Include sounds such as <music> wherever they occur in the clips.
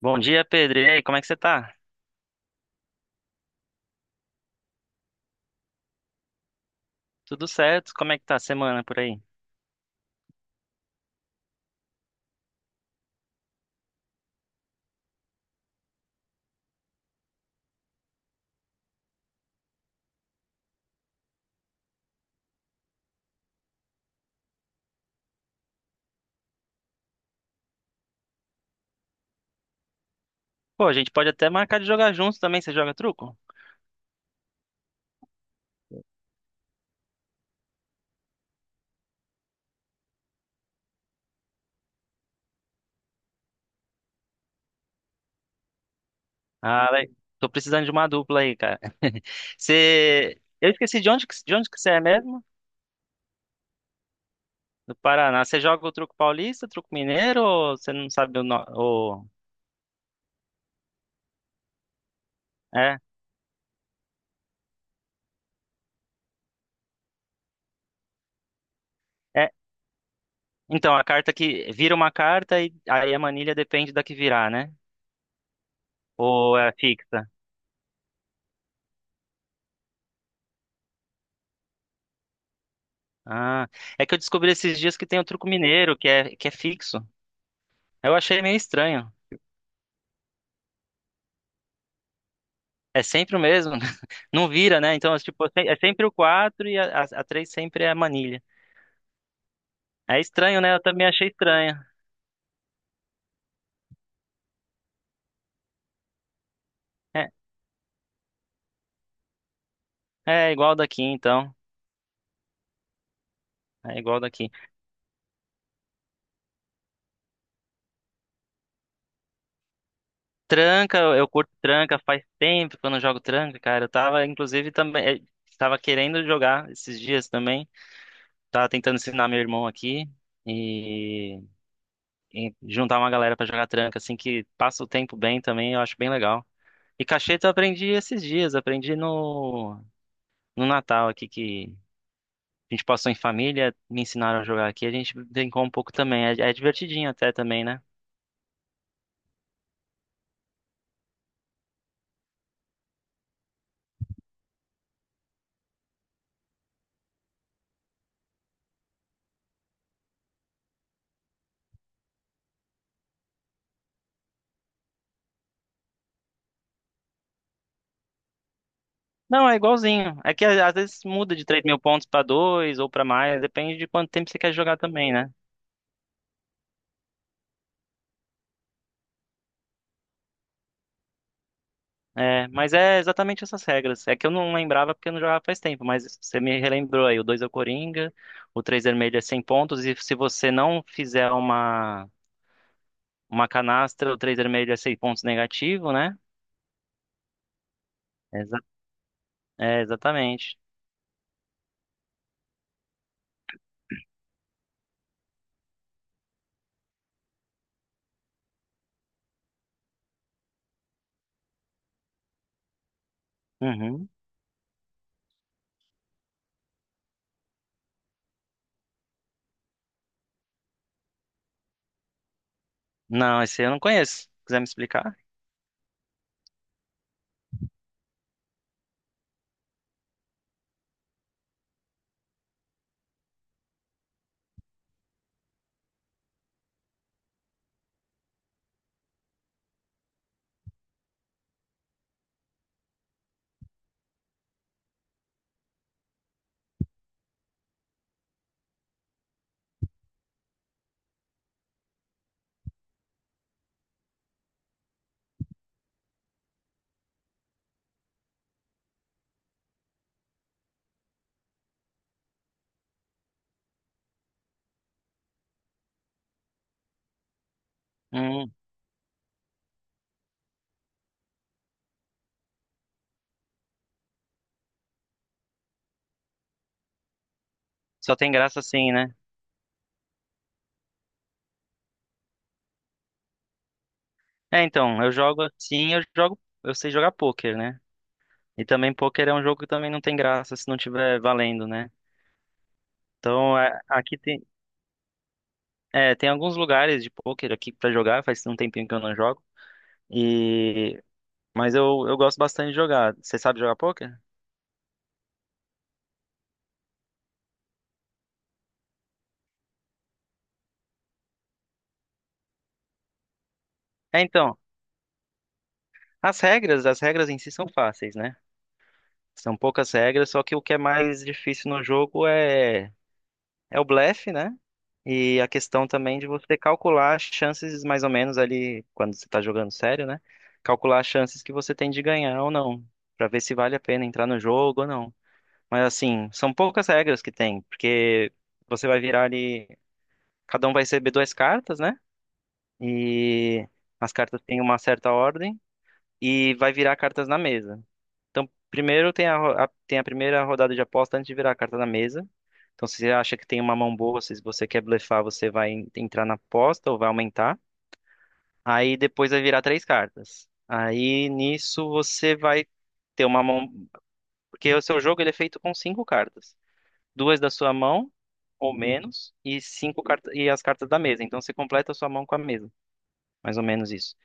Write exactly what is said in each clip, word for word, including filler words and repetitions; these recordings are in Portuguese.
Bom dia, Pedro. E aí, como é que você tá? Tudo certo? Como é que tá a semana por aí? Pô, a gente pode até marcar de jogar juntos também. Você joga truco? Ah, le- Tô precisando de uma dupla aí, cara. <laughs> Você... Eu esqueci de onde que, de onde que você é mesmo? Do Paraná. Você joga o truco paulista, truco mineiro ou você não sabe o... No... o- É, é. Então, a carta que... Vira uma carta e aí a manilha depende da que virar, né? Ou é fixa? Ah, é que eu descobri esses dias que tem o truco mineiro, que é, que é fixo. Eu achei meio estranho. É sempre o mesmo, <laughs> não vira, né? Então, tipo, é é sempre o quatro e a, a, a três sempre é a manilha. É estranho, né? Eu também achei estranho. É, é igual daqui, então. É igual daqui. Tranca, eu eu curto tranca, faz tempo que eu não jogo tranca, cara. Eu tava, inclusive, também. eh, Tava querendo jogar esses dias também. Tava tentando ensinar meu irmão aqui e, e juntar uma galera pra jogar tranca, assim, que passa o tempo bem também, eu acho bem legal. E cacheta eu aprendi esses dias, aprendi no, no Natal aqui que a gente passou em família, me ensinaram a jogar aqui, a gente brincou um pouco também. É, é divertidinho até também, né? Não, é igualzinho. É que às vezes muda de três mil pontos pra dois ou pra mais, depende de quanto tempo você quer jogar também, né? É, mas é exatamente essas regras. É que eu não lembrava porque eu não jogava faz tempo, mas você me relembrou aí. O dois é o Coringa, o três vermelho é cem pontos, e se você não fizer uma, uma canastra, o três vermelho é cem pontos negativo, né? Exa- É, exatamente. Uhum. Não, esse eu não conheço. Quiser me explicar? Hum. Só tem graça assim, né? É, então, eu jogo assim, eu jogo, eu sei jogar pôquer, né? E também pôquer é um jogo que também não tem graça se não tiver valendo, né? Então, é, aqui tem, é, tem alguns lugares de pôquer aqui pra jogar, faz um tempinho que eu não jogo. E mas eu, eu gosto bastante de jogar. Você sabe jogar poker? É, então, as regras, as regras em si são fáceis, né? São poucas regras, só que o que é mais difícil no jogo é é o blefe, né? E a questão também de você calcular as chances mais ou menos ali, quando você está jogando sério, né? Calcular as chances que você tem de ganhar ou não, para ver se vale a pena entrar no jogo ou não. Mas assim, são poucas regras que tem, porque você vai virar ali, cada um vai receber duas cartas, né? E as cartas têm uma certa ordem e vai virar cartas na mesa. Então, primeiro tem a, ro- a- tem a primeira rodada de aposta antes de virar a carta na mesa. Então, se você acha que tem uma mão boa, se você quer blefar, você vai en- entrar na aposta ou vai aumentar. Aí depois vai virar três cartas. Aí nisso você vai ter uma mão. Porque o seu jogo ele é feito com cinco cartas. Duas da sua mão, ou menos, e cinco cartas e as cartas da mesa. Então você completa a sua mão com a mesa. Mais ou menos isso.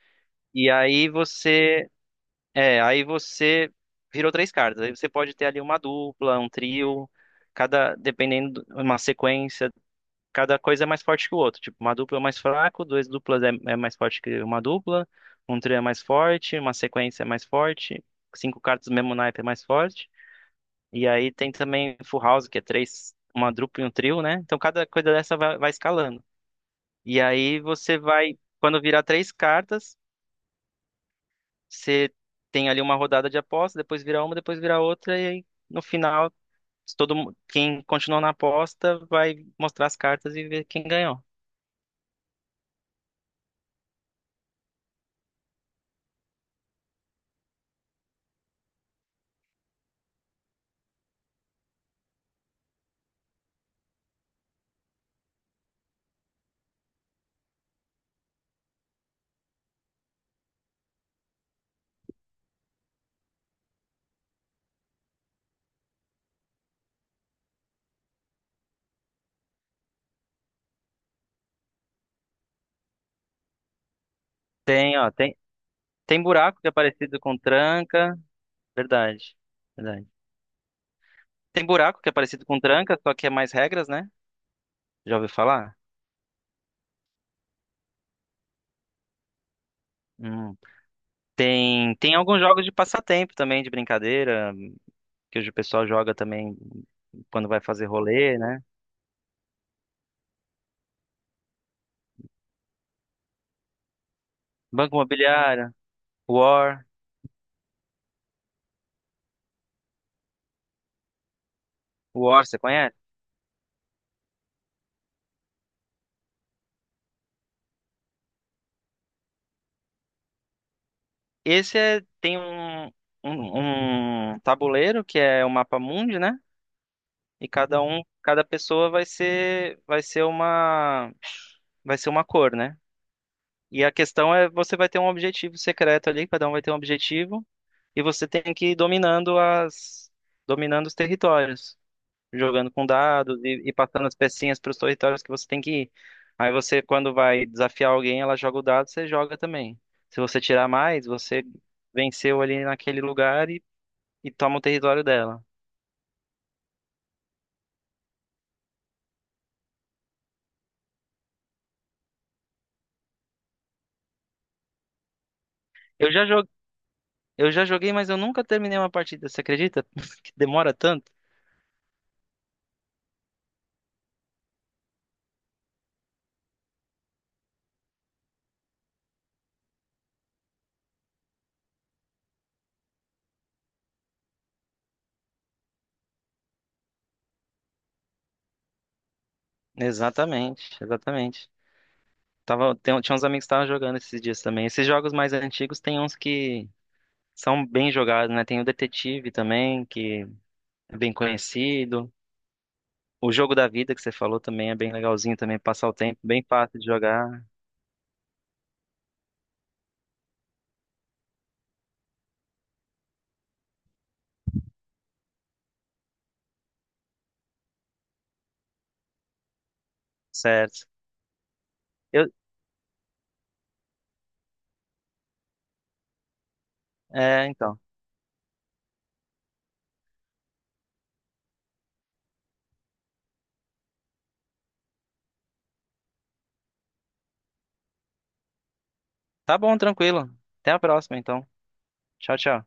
E aí você. É, aí você virou três cartas. Aí você pode ter ali uma dupla, um trio, cada, dependendo, uma sequência, cada coisa é mais forte que o outro. Tipo, uma dupla é mais fraco, duas duplas é, é mais forte que uma dupla, um trio é mais forte, uma sequência é mais forte, cinco cartas do mesmo naipe é mais forte. E aí tem também full house, que é três, uma dupla e um trio, né? Então cada coisa dessa vai, vai escalando. E aí você vai, quando virar três cartas você tem ali uma rodada de aposta, depois vira uma, depois vira outra, e aí no final, se todo mu- quem continuou na aposta vai mostrar as cartas e ver quem ganhou. Tem, ó, tem, tem buraco que é parecido com tranca, verdade, verdade. Tem buraco que é parecido com tranca, só que é mais regras, né? Já ouviu falar? Hum. Tem, tem alguns jogos de passatempo também, de brincadeira, que hoje o pessoal joga também quando vai fazer rolê, né? Banco Imobiliário, War, War, você conhece? Esse é- tem um, um, um tabuleiro que é o mapa mundi, né? E cada um, cada pessoa vai ser, vai ser uma, vai ser uma cor, né? E a questão é, você vai ter um objetivo secreto ali, cada um vai ter um objetivo, e você tem que ir dominando as, dominando os territórios, jogando com dados e, e passando as pecinhas para os territórios que você tem que ir. Aí você, quando vai desafiar alguém, ela joga o dado, você joga também. Se você tirar mais, você venceu ali naquele lugar e toma o território dela. Eu já joguei, eu já joguei, mas eu nunca terminei uma partida, você acredita? <laughs> Que demora tanto? Exatamente, exatamente. Tava, tem- um, tinha uns amigos que estavam jogando esses dias também. Esses jogos mais antigos tem uns que são bem jogados, né? Tem o Detetive também, que é bem conhecido. O Jogo da Vida que você falou também é bem legalzinho também, passar o tempo, bem fácil de jogar, certo? Eu, é, então. Tá bom, tranquilo. Até a próxima, então. Tchau, tchau.